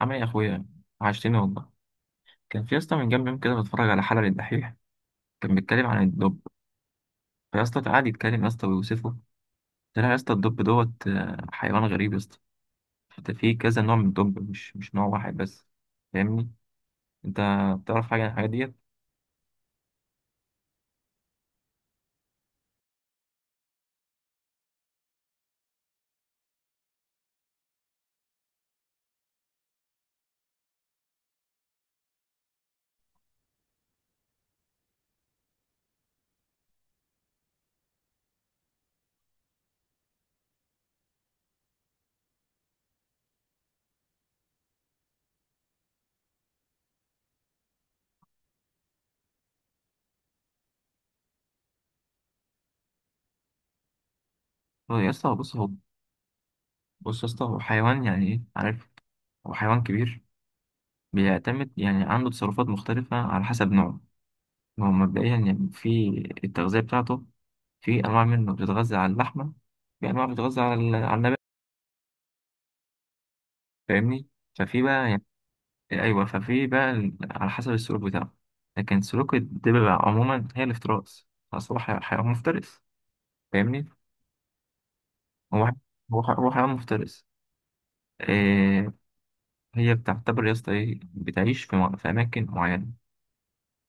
عامل ايه يا اخويا؟ عشتني والله. كان في يا اسطى من كام يوم كده بتفرج على حلقه للدحيح. كان بيتكلم عن الدب. فيا اسطى قعد يتكلم يا اسطى ويوصفه. طلع يا اسطى الدب دوت حيوان غريب يا اسطى. حتى في كذا نوع من الدب، مش نوع واحد بس. فاهمني؟ انت بتعرف حاجه عن الحاجات ديت؟ هو يا اسطى بص، هو بص يا اسطى، هو حيوان، يعني ايه عارف؟ هو حيوان كبير. بيعتمد، يعني عنده تصرفات مختلفه على حسب نوعه. هو مبدئيا يعني في التغذيه بتاعته، في انواع منه بتتغذى على اللحمه، في انواع بتتغذى على على النبات. فاهمني؟ ففي بقى. ايوه، ففي بقى على حسب السلوك بتاعه. لكن سلوك الدببة عموما هي الافتراس، اصل هو حيوان مفترس. فاهمني؟ هو ح- هو حيوان مفترس. إيه، هي بتعتبر يا اسطى ايه، بتعيش في اماكن معينه.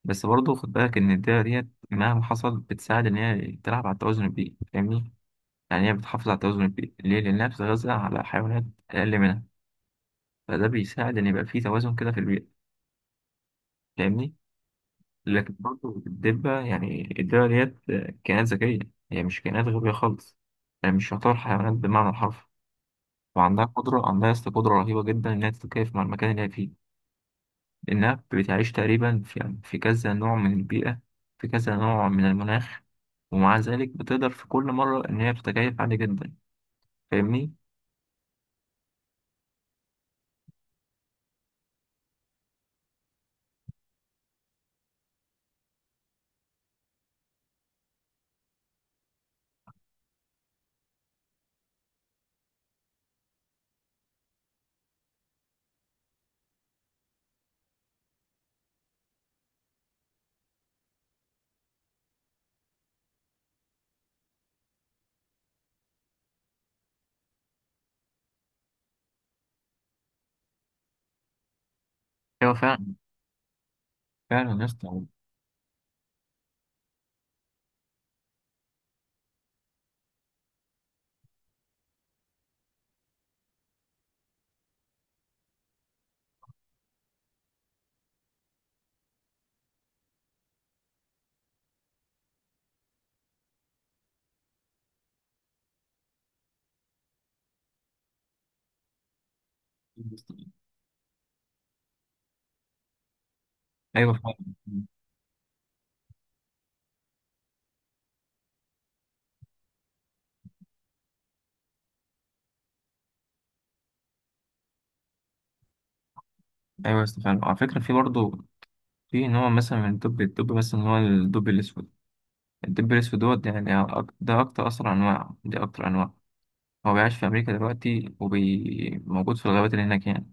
بس برضه خد بالك ان الدببة ديت مهما حصل بتساعد ان هي تلعب على التوازن البيئي. فاهمني؟ يعني هي بتحافظ على التوازن البيئي ليه؟ لانها بتتغذى على حيوانات اقل منها، فده بيساعد ان يبقى في توازن كده في البيئه. فاهمني؟ لكن برضه الدبة، يعني الدبة ديت كائنات ذكية، هي مش كائنات غبية خالص. يعني مش تعتبر حيوانات بمعنى الحرف. وعندها قدرة، عندها قدرة رهيبة جدا إنها تتكيف مع المكان اللي هي فيه. لأنها بتعيش تقريبا في، يعني في كذا نوع من البيئة، في كذا نوع من المناخ، ومع ذلك بتقدر في كل مرة إن هي بتتكيف عادي جدا. فاهمني؟ أيوة فعلا. فعلا يا اسطى. أيوة فعلا. أيوة يا اسطى فعلا. وعلى فكرة في برضه في نوع مثلا من الدب. الدب مثلا هو الدب الأسود. الدب الأسود يعني ده أكتر أصلا أنواع، دي أكتر أنواع. هو بيعيش في أمريكا دلوقتي وموجود في الغابات اللي هناك يعني.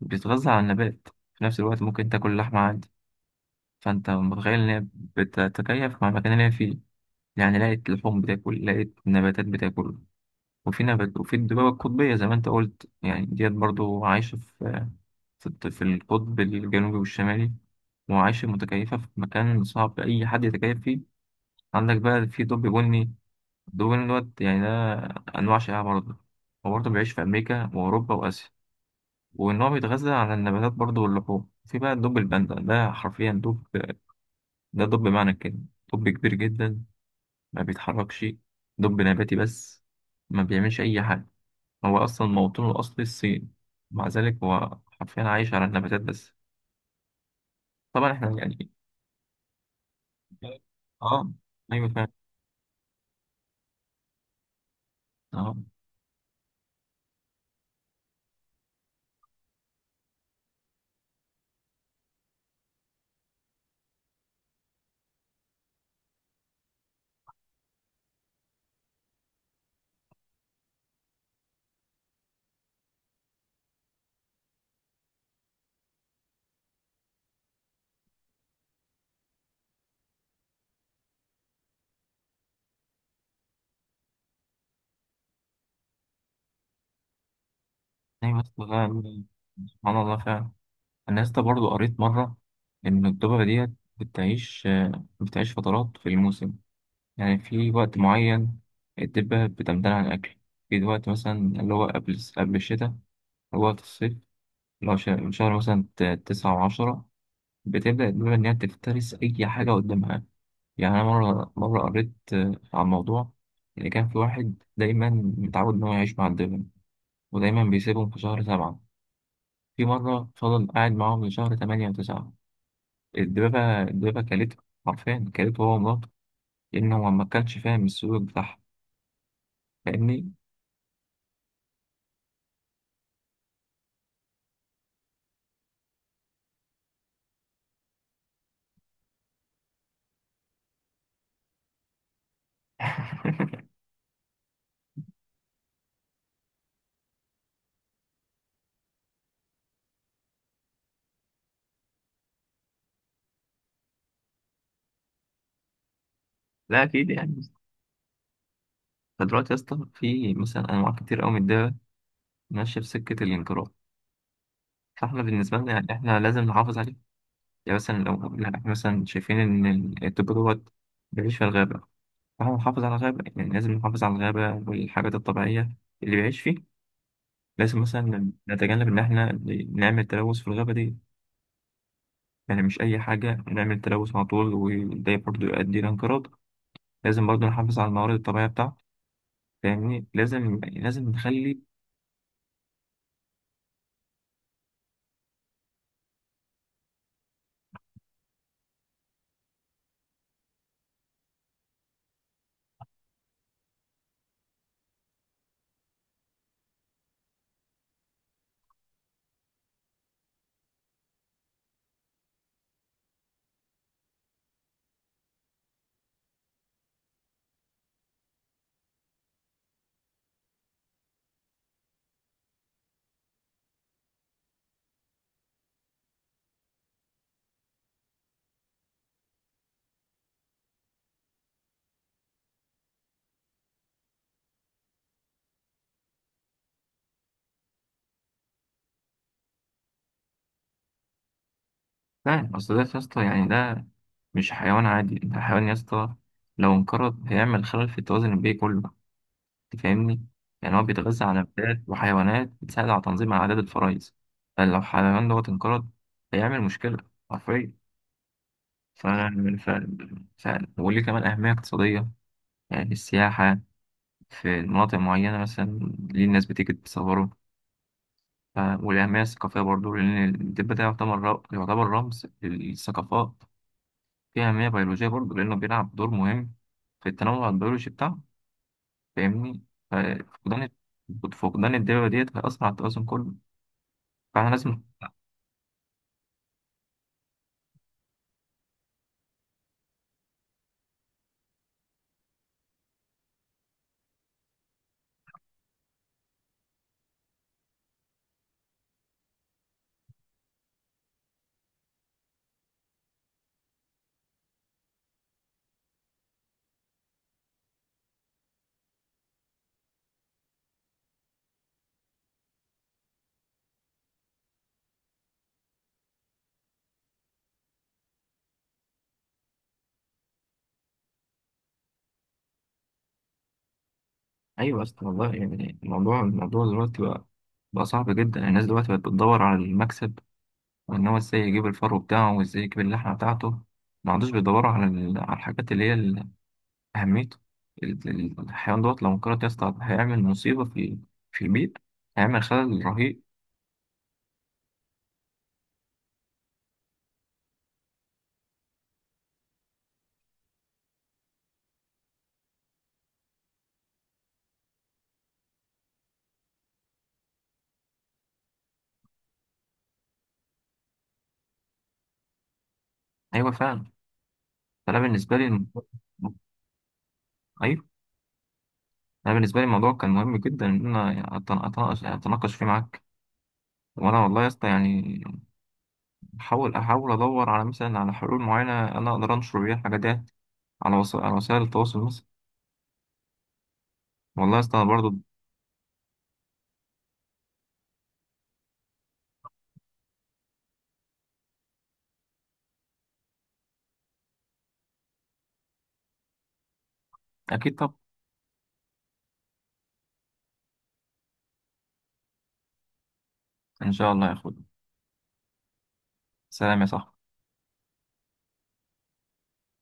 بيتغذى على النبات، في نفس الوقت ممكن تاكل لحمة عادي. فأنت متخيل إن هي بتتكيف مع المكان اللي هي فيه؟ يعني لقيت لحوم بتاكل، لقيت نباتات بتاكل. وفي نبات. وفي الدبابة القطبية زي ما أنت قلت، يعني ديت برضو عايشة في في القطب الجنوبي والشمالي، وعايشة متكيفة في مكان صعب أي حد يتكيف فيه. عندك بقى في دب بني، دول إن هو يعني ده أنواع شائعة برضه. هو برضه بيعيش في أمريكا وأوروبا وآسيا، وإن هو بيتغذى على النباتات برضه واللحوم. في بقى الدب الباندا، ده حرفيا دب، ده دب بمعنى الكلمة. دب كبير جدا، ما بيتحركش. دب نباتي بس، ما بيعملش أي حاجة. هو أصلا موطنه الأصلي الصين، مع ذلك هو حرفيا عايش على النباتات بس. طبعا إحنا يعني آه أيوة فعلا. آه أيوة. أصل ده سبحان الله فعلا. انا لسه برضو قريت مره ان الدببه ديت بتعيش، بتعيش فترات في الموسم. يعني في وقت معين الدبه بتمتنع عن الاكل، في وقت مثلا اللي هو قبل الشتاء، اللي هو وقت الصيف، اللي هو من شهر مثلا 9 و10 بتبدأ الدببة إن هي تفترس أي حاجة قدامها. يعني أنا مرة قريت عن موضوع، إن كان في واحد دايما متعود إن هو يعيش مع الدببة، ودايما بيسيبهم في شهر 7. في مرة فضل قاعد معاهم لشهر 8 و9، الدبابة كلته، حرفيا كلته هو ومراته، لأن هو ما كانش فاهم السلوك بتاعها. فاهمني؟ لا أكيد يعني. فدلوقتي يا اسطى في مثلا أنواع كتير أوي من الدببة ماشية في سكة الانقراض. فاحنا بالنسبة لنا يعني احنا لازم نحافظ عليه. يعني مثلا لو لا، احنا مثلا شايفين إن الدب دوت بيعيش في الغابة، فاحنا نحافظ على الغابة. يعني لازم نحافظ على الغابة والحاجات الطبيعية اللي بيعيش فيه. لازم مثلا نتجنب إن احنا نعمل تلوث في الغابة دي. يعني مش أي حاجة نعمل تلوث على طول، وده برضه يؤدي لانقراض. لازم برضه نحافظ على الموارد الطبيعية بتاعته. فاهمني؟ لازم نخلي. فعلا أصل ده يا اسطى يعني، ده مش حيوان عادي، ده حيوان يا اسطى لو انقرض هيعمل خلل في التوازن البيئي كله. أنت فاهمني؟ يعني هو بيتغذى على نباتات وحيوانات بتساعد على تنظيم عدد الفرائس. فلو الحيوان دوت انقرض هيعمل مشكلة، حرفيا. ف... ف... ف... وليه كمان أهمية اقتصادية. يعني السياحة في مناطق معينة مثلا، ليه الناس بتيجي تصوره. والأهمية الثقافية برضو، لأن الدب ده يعتبر يعتبر رمز للثقافات. فيه أهمية بيولوجية برضو لأنه بيلعب دور مهم في التنوع البيولوجي بتاعه. فاهمني؟ ففقدان فقدان الدببة ديت هيأثر على التوازن كله. فاحنا لازم. أيوة أصلا والله يعني، الموضوع دلوقتي بقى صعب جدا. الناس دلوقتي بقت بتدور على المكسب، وإن هو إزاي يجيب الفرو بتاعه وإزاي يجيب اللحمة بتاعته. ما عادوش بيدوروا على على الحاجات اللي هي أهميته. الحيوان دوت لو انقرض يا اسطى هيعمل مصيبة في في البيت، هيعمل خلل رهيب. أيوة فعلا. فأنا بالنسبة لي أيوة أنا بالنسبة لي الموضوع كان مهم جدا إن أنا أتناقش فيه معاك. وأنا والله يا اسطى يعني أحاول أدور على مثلا على حلول معينة أنا أقدر أنشر بيها الحاجات ديت على وسائل، على وسائل التواصل مثلا. والله يا اسطى أنا برضه أكيد، طب إن شاء الله يا أخويا. سلام يا صاحبي.